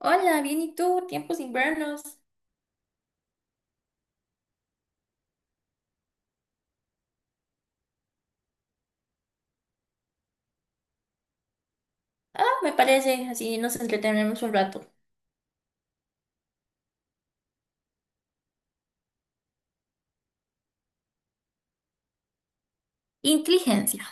Hola, bien, ¿y tú? Tiempos invernos. Ah, me parece, así nos entretenemos un rato. Inteligencia.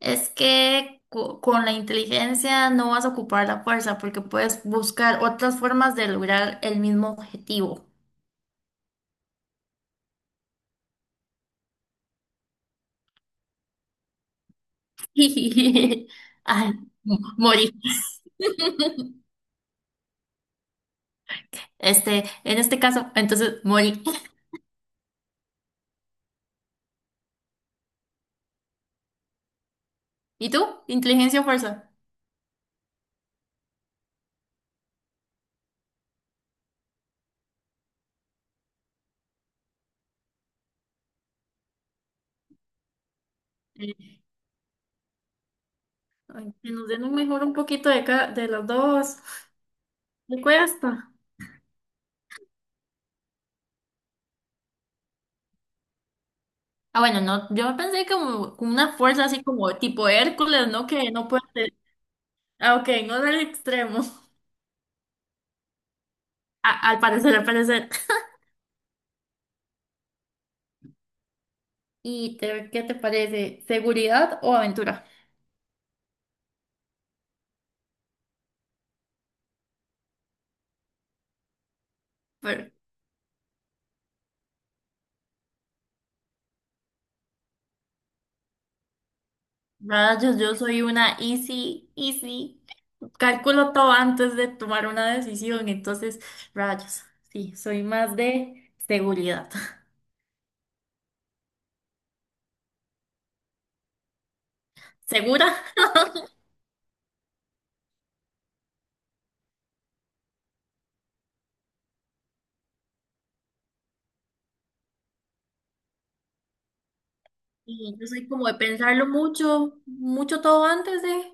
Es que con la inteligencia no vas a ocupar la fuerza porque puedes buscar otras formas de lograr el mismo objetivo. Ay, morí. Este, en este caso, entonces morí. ¿Y tú? ¿Inteligencia o fuerza? Eh, Ay, que nos den un mejor un poquito de, de las dos. Me cuesta. Ah, bueno, no, yo pensé como con una fuerza así como tipo Hércules, ¿no? Que no puede ser. Ah, ok, no del extremo. Al parecer, al parecer. ¿Y qué te parece? ¿Seguridad o aventura? Pero, rayos, yo soy una easy, easy. Calculo todo antes de tomar una decisión, entonces, rayos. Sí, soy más de seguridad. ¿Segura? Y yo soy como de pensarlo mucho, mucho todo antes de...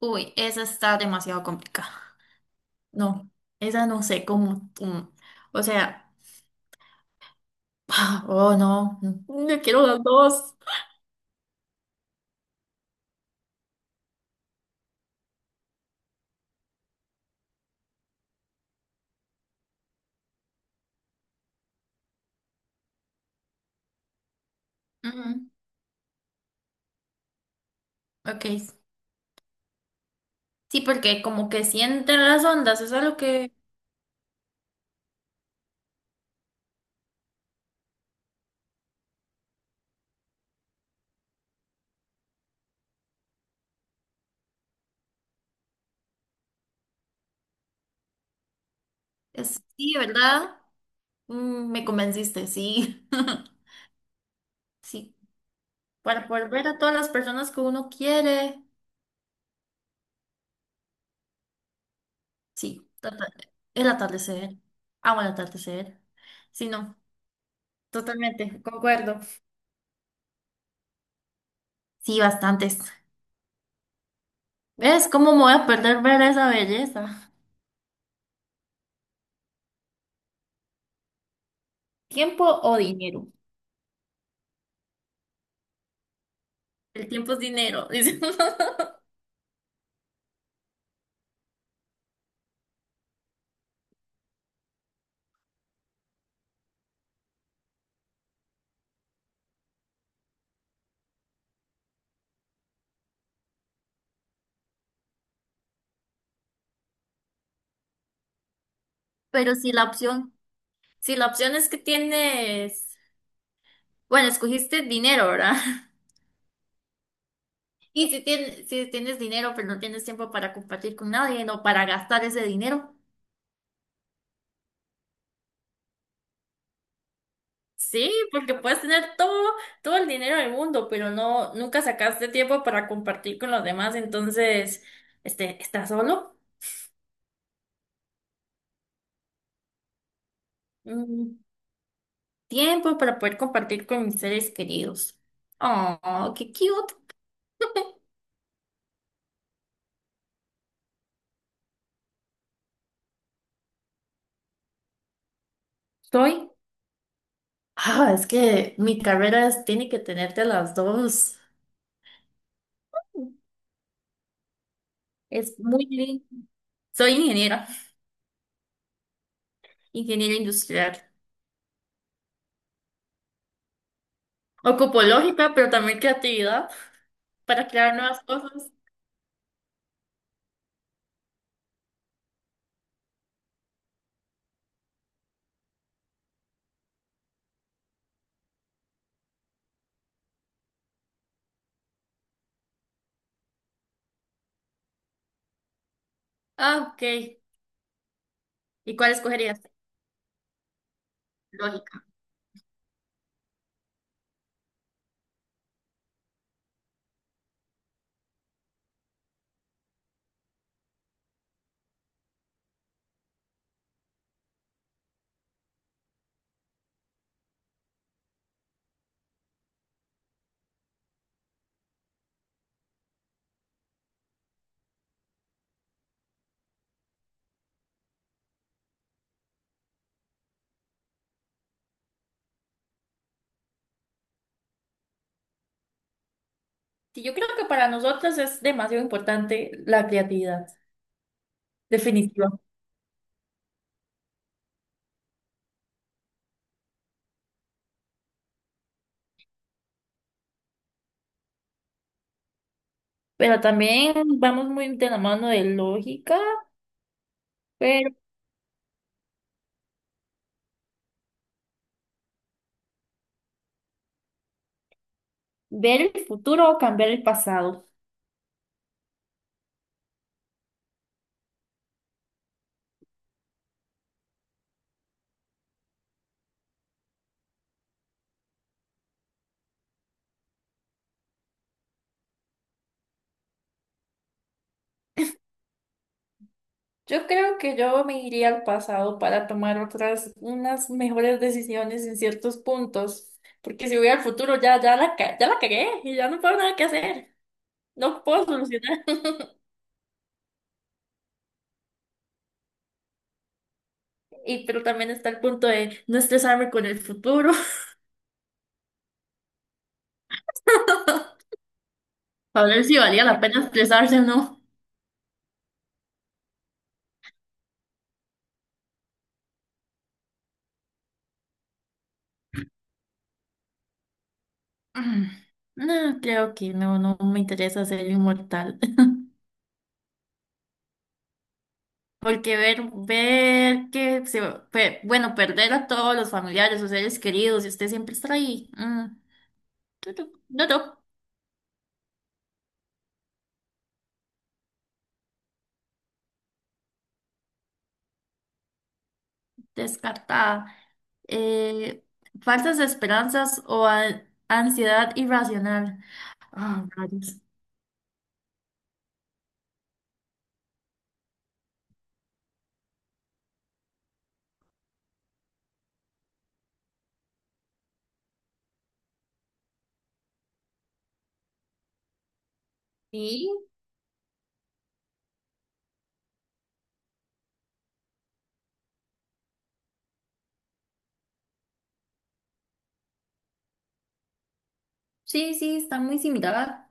Uy, esa está demasiado complicada. No, esa no sé cómo. O sea, oh no, no quiero las dos. Ujú. Ok. Sí, porque como que sienten las ondas, es algo que es, sí, ¿verdad? Mm, me convenciste, sí. Sí, para poder ver a todas las personas que uno quiere. Sí, el atardecer. Amo el atardecer. Sí, no, totalmente, concuerdo. Sí, bastantes. ¿Ves cómo me voy a perder ver esa belleza? ¿Tiempo o dinero? El tiempo es dinero, dice. Pero si la opción, si la opción es que tienes, bueno, escogiste dinero, ¿verdad? Y si tienes, si tienes dinero, pero no tienes tiempo para compartir con nadie, no para gastar ese dinero. Sí, porque puedes tener todo, todo el dinero del mundo, pero no, nunca sacaste tiempo para compartir con los demás, entonces, este, ¿estás solo? Mm, tiempo para poder compartir con mis seres queridos. Oh, qué cute. Soy. Ah, es que mi carrera tiene que tenerte a las dos. Es muy lindo. Soy ingeniera, ingeniera industrial. Ocupo lógica, pero también creatividad para crear nuevas cosas. Ah, ok. ¿Y cuál escogerías? Lógica. Sí, yo creo que para nosotros es demasiado importante la creatividad, definitiva. Pero también vamos muy de la mano de lógica, pero ver el futuro o cambiar el pasado. Yo creo que yo me iría al pasado para tomar otras, unas mejores decisiones en ciertos puntos, porque si voy al futuro ya, ya la, ya la cagué y ya no puedo nada que hacer, no puedo solucionar. Y pero también está el punto de no estresarme con el futuro, para ver si valía la pena estresarse o no. Mm, no, creo que no, no me interesa ser inmortal. Porque ver, bueno, perder a todos los familiares o seres queridos y usted siempre estar ahí. Mm. Tutup, tutup, descartada. Eh, Falsas esperanzas o ansiedad irracional. Ah, rayos. Sí, sí, sí, está muy similar.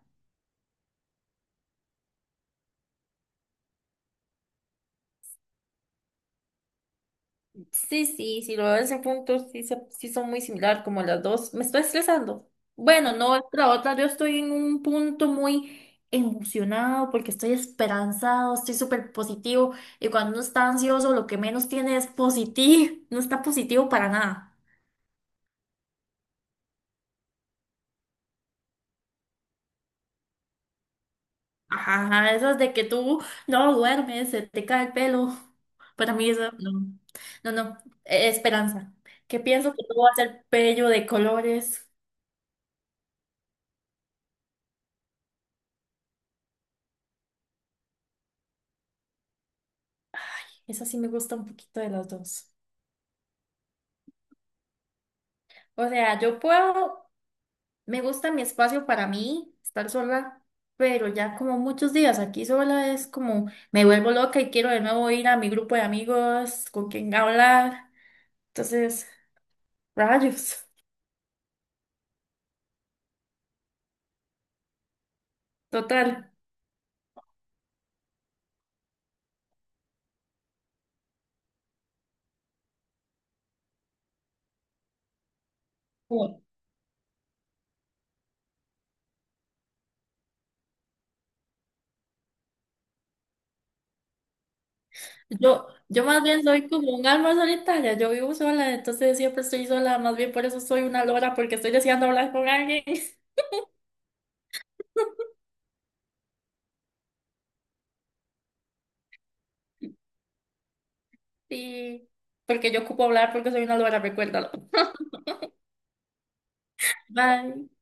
Sí, sí, si lo ves en puntos, sí, sí son muy similar, como las dos. Me estoy estresando. Bueno, no, es que la otra, yo estoy en un punto muy emocionado porque estoy esperanzado, estoy súper positivo. Y cuando uno está ansioso, lo que menos tiene es positivo, no está positivo para nada. Ajá, esas de que tú no duermes, se te cae el pelo. Para mí eso, no, no, no, esperanza. Que pienso que tú vas a ser bello de colores. Esa sí me gusta un poquito de las dos. O sea, yo puedo, me gusta mi espacio para mí, estar sola, pero ya como muchos días aquí sola es como me vuelvo loca y quiero de nuevo ir a mi grupo de amigos con quien hablar. Entonces, rayos, total. Yo más bien soy como un alma solitaria, yo vivo sola, entonces siempre estoy sola, más bien por eso soy una lora, porque estoy deseando hablar con alguien. Sí, porque yo ocupo hablar porque soy una lora, recuérdalo. Bye.